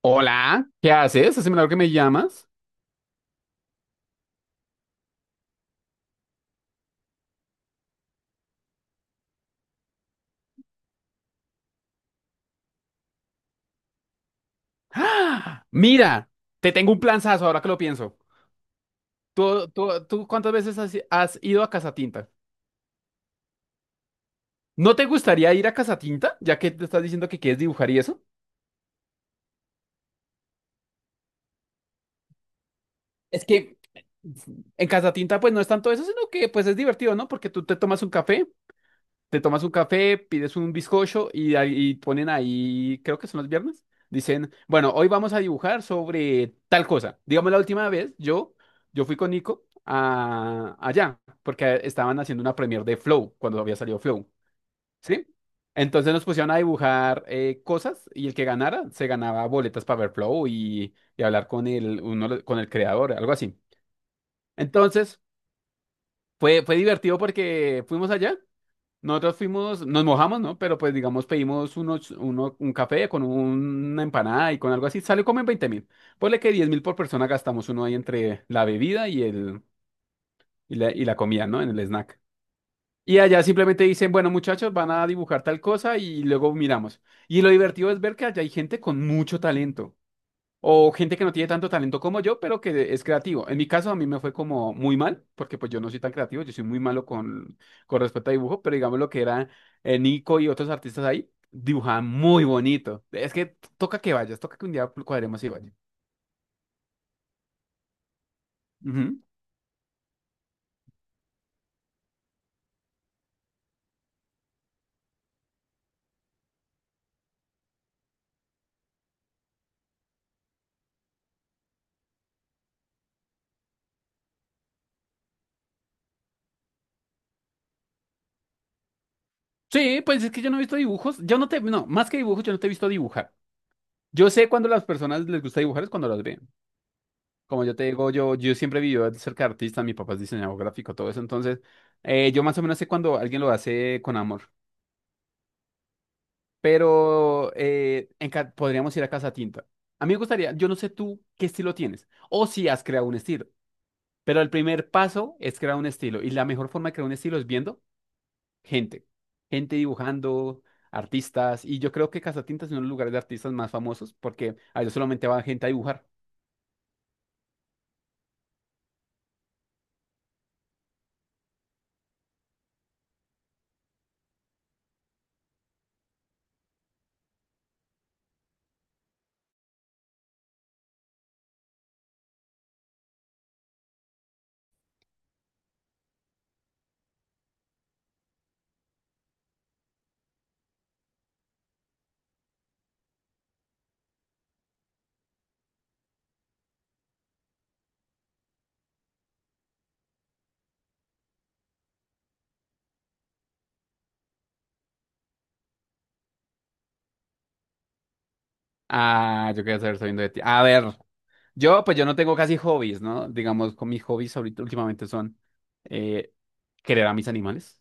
Hola, ¿qué haces? Hace milagro que me llamas. Mira, te tengo un planzazo ahora que lo pienso. ¿Tú cuántas veces has ido a Casa Tinta? ¿No te gustaría ir a Casa Tinta, ya que te estás diciendo que quieres dibujar y eso? Es que en Casa Tinta pues no es tanto eso, sino que pues es divertido, ¿no? Porque tú te tomas un café, pides un bizcocho y, ahí y ponen ahí, creo que son los viernes, dicen, bueno, hoy vamos a dibujar sobre tal cosa. Digamos, la última vez yo fui con Nico a, allá, porque estaban haciendo una premiere de Flow, cuando había salido Flow, ¿sí? Entonces nos pusieron a dibujar cosas y el que ganara se ganaba boletas para ver Flow y hablar con el, uno, con el creador, algo así. Entonces fue divertido porque fuimos allá. Nosotros fuimos, nos mojamos, ¿no? Pero pues digamos pedimos un café con una empanada y con algo así. Salió como en 20.000. Ponle que 10.000 por persona gastamos uno ahí entre la bebida y la comida, ¿no? En el snack. Y allá simplemente dicen, bueno muchachos, van a dibujar tal cosa y luego miramos. Y lo divertido es ver que allá hay gente con mucho talento. O gente que no tiene tanto talento como yo, pero que es creativo. En mi caso, a mí me fue como muy mal, porque pues yo no soy tan creativo, yo soy muy malo con respecto a dibujo, pero digamos lo que era Nico y otros artistas ahí, dibujaban muy bonito. Es que toca que vayas, toca que un día cuadremos y vaya. Ujú. Sí, pues es que yo no he visto dibujos, yo no te, no, más que dibujos, yo no te he visto dibujar. Yo sé cuando las personas les gusta dibujar es cuando las ven. Como yo te digo, yo siempre viví de cerca de artista, mi papá es diseñador gráfico, todo eso, entonces yo más o menos sé cuando alguien lo hace con amor. Pero podríamos ir a Casa Tinta. A mí me gustaría, yo no sé tú qué estilo tienes o si has creado un estilo, pero el primer paso es crear un estilo y la mejor forma de crear un estilo es viendo gente, gente dibujando, artistas y yo creo que Casa Tinta es uno de los lugares de artistas más famosos porque a ellos solamente va gente a dibujar. Ah, yo quería saber sabiendo de ti. A ver, yo pues yo no tengo casi hobbies, ¿no? Digamos, con mis hobbies ahorita últimamente son eh, querer a mis animales,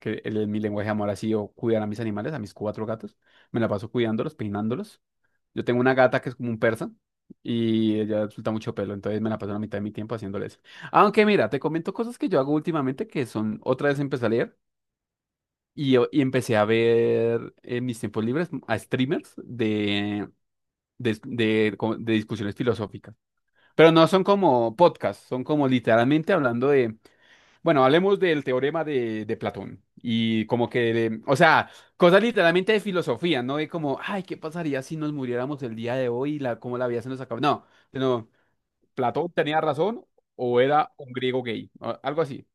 que mi lenguaje de amor ha sido cuidar a mis animales, a mis cuatro gatos. Me la paso cuidándolos, peinándolos. Yo tengo una gata que es como un persa y ella suelta mucho pelo, entonces me la paso la mitad de mi tiempo haciéndoles. Aunque mira, te comento cosas que yo hago últimamente que son, otra vez empecé a leer y empecé a ver en mis tiempos libres a streamers de discusiones filosóficas. Pero no son como podcasts, son como literalmente hablando de, bueno, hablemos del teorema de Platón y como que, o sea, cosas literalmente de filosofía, no de como, ay, ¿qué pasaría si nos muriéramos el día de hoy y la, cómo la vida se nos acaba? No, sino, ¿Platón tenía razón o era un griego gay? O algo así.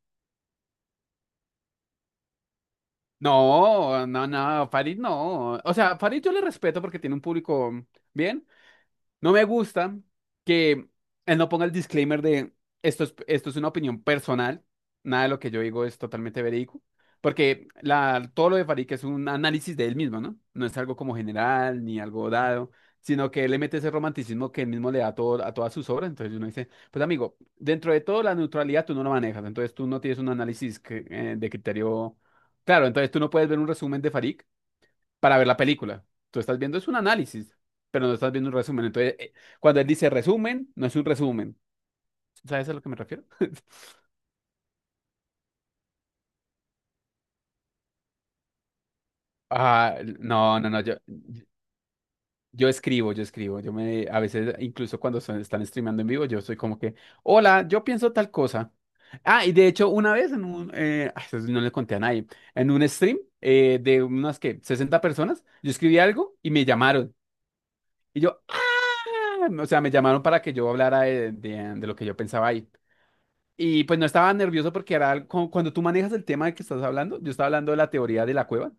No, no, no, Farid no. O sea, Farid yo le respeto porque tiene un público bien. No me gusta que él no ponga el disclaimer de esto es una opinión personal, nada de lo que yo digo es totalmente verídico, porque todo lo de Farik es un análisis de él mismo, ¿no? No es algo como general ni algo dado, sino que él le mete ese romanticismo que él mismo le da a todas sus obras, entonces uno dice, pues amigo, dentro de todo la neutralidad tú no lo manejas, entonces tú no tienes un análisis de criterio claro, entonces tú no puedes ver un resumen de Farik para ver la película. Tú estás viendo es un análisis, pero no estás viendo un resumen. Entonces, cuando él dice resumen, no es un resumen. ¿Sabes a lo que me refiero? Ah, no, no, no, yo escribo, a veces, incluso cuando están streamando en vivo, yo soy como que, hola, yo pienso tal cosa. Ah, y de hecho, una vez en un, eso no le conté a nadie, en un stream de unas que 60 personas, yo escribí algo y me llamaron. Y o sea, me llamaron para que yo hablara de lo que yo pensaba ahí. Y pues no estaba nervioso porque era cuando tú manejas el tema del que estás hablando, yo estaba hablando de la teoría de la cueva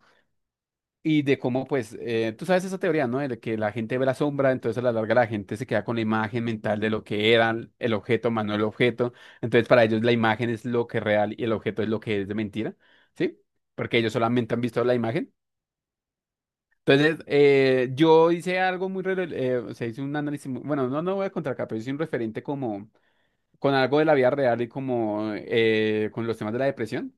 y de cómo pues, tú sabes esa teoría, ¿no? De que la gente ve la sombra, entonces a la larga la gente se queda con la imagen mental de lo que era el objeto, más no el objeto. Entonces para ellos la imagen es lo que es real y el objeto es lo que es de mentira, ¿sí? Porque ellos solamente han visto la imagen. Entonces yo hice algo o sea, hice un análisis, bueno, no voy a contar acá, pero hice un referente como con algo de la vida real y como con los temas de la depresión.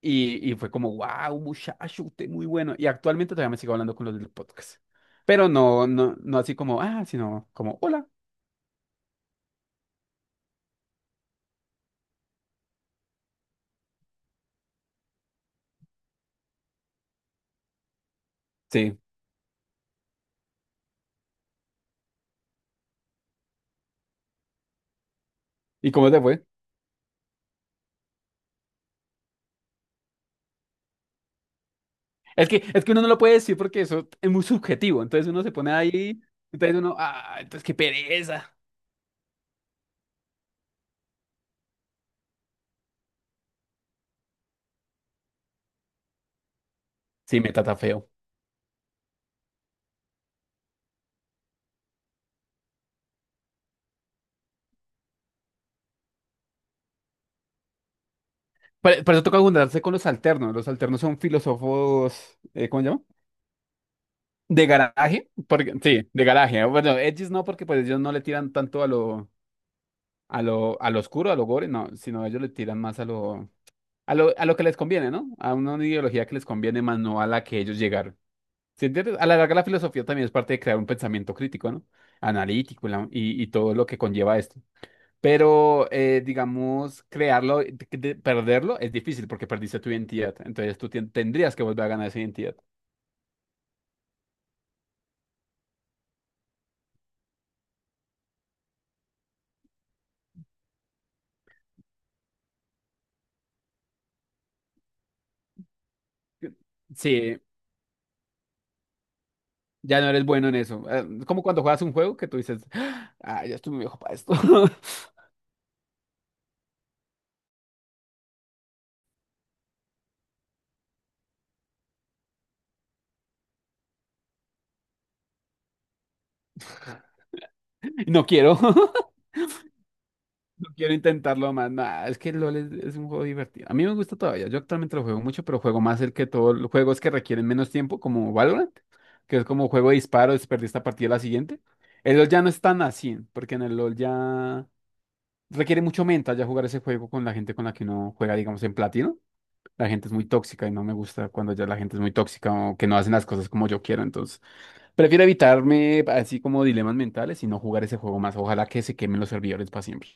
Y fue como, wow, muchacho, usted muy bueno. Y actualmente todavía me sigo hablando con los del podcast. Pero no, no, no así como, sino como, hola. Sí. ¿Y cómo te fue? Es que uno no lo puede decir porque eso es muy subjetivo. Entonces uno se pone ahí, entonces qué pereza. Sí, me trata feo. Por eso toca juntarse con los alternos. Los alternos son filósofos, ¿cómo se llama? De garaje. Porque, sí, de garaje. Bueno, ellos no, porque pues ellos no le tiran tanto a lo oscuro, a lo gore, no, sino ellos le tiran más a lo que les conviene, ¿no? A una ideología que les conviene más, no a la que ellos llegaron. ¿Sí entiendes? A la larga, la filosofía también es parte de crear un pensamiento crítico, ¿no? Analítico y todo lo que conlleva esto. Pero, digamos, crearlo, perderlo es difícil porque perdiste tu identidad. Entonces tú tendrías que volver a ganar esa identidad. Sí, ya no eres bueno en eso. Como cuando juegas un juego que tú dices, ah, ya estoy muy viejo para esto. No quiero. Quiero intentarlo más. Nah, es que LOL es un juego divertido. A mí me gusta todavía. Yo actualmente lo juego mucho, pero juego más el que todos los juegos que requieren menos tiempo, como Valorant, que es como juego de disparo, es perder esta partida la siguiente. El LOL ya no es tan así, porque en el LOL ya requiere mucho mental ya jugar ese juego con la gente con la que uno juega, digamos, en platino. La gente es muy tóxica y no me gusta cuando ya la gente es muy tóxica o que no hacen las cosas como yo quiero. Entonces, prefiero evitarme así como dilemas mentales y no jugar ese juego más. Ojalá que se quemen los servidores para siempre.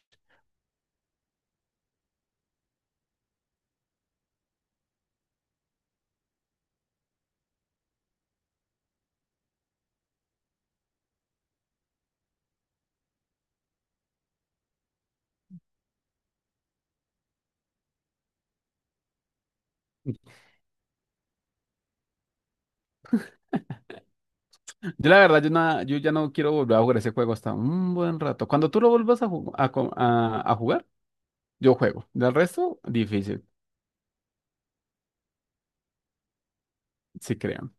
Yo la verdad, yo ya no quiero volver a jugar ese juego hasta un buen rato. Cuando tú lo vuelvas a, ju- a, co- a jugar, yo juego. Del resto, difícil, sí creo.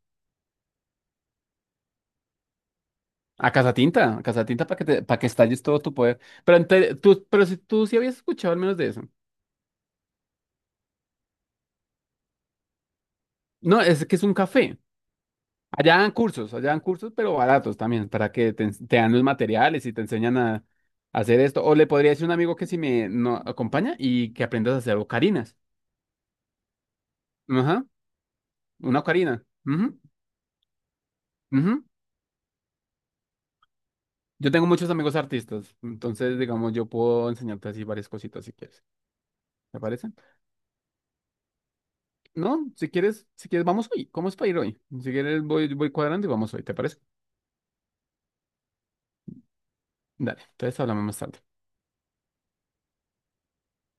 A Casatinta, para que estalles todo tu poder. Pero, tú, pero si tú sí habías escuchado al menos de eso. No, es que es un café. Allá dan cursos, pero baratos también, para que te dan los materiales y te enseñan a hacer esto. O le podría decir a un amigo que si me no, acompaña y que aprendas a hacer ocarinas. Ajá, una ocarina. Ujú, ujú. Yo tengo muchos amigos artistas, entonces, digamos, yo puedo enseñarte así varias cositas si quieres. ¿Te parece? No, si quieres, vamos hoy. ¿Cómo es para ir hoy? Si quieres, voy cuadrando y vamos hoy, ¿te parece? Dale, entonces hablamos más tarde.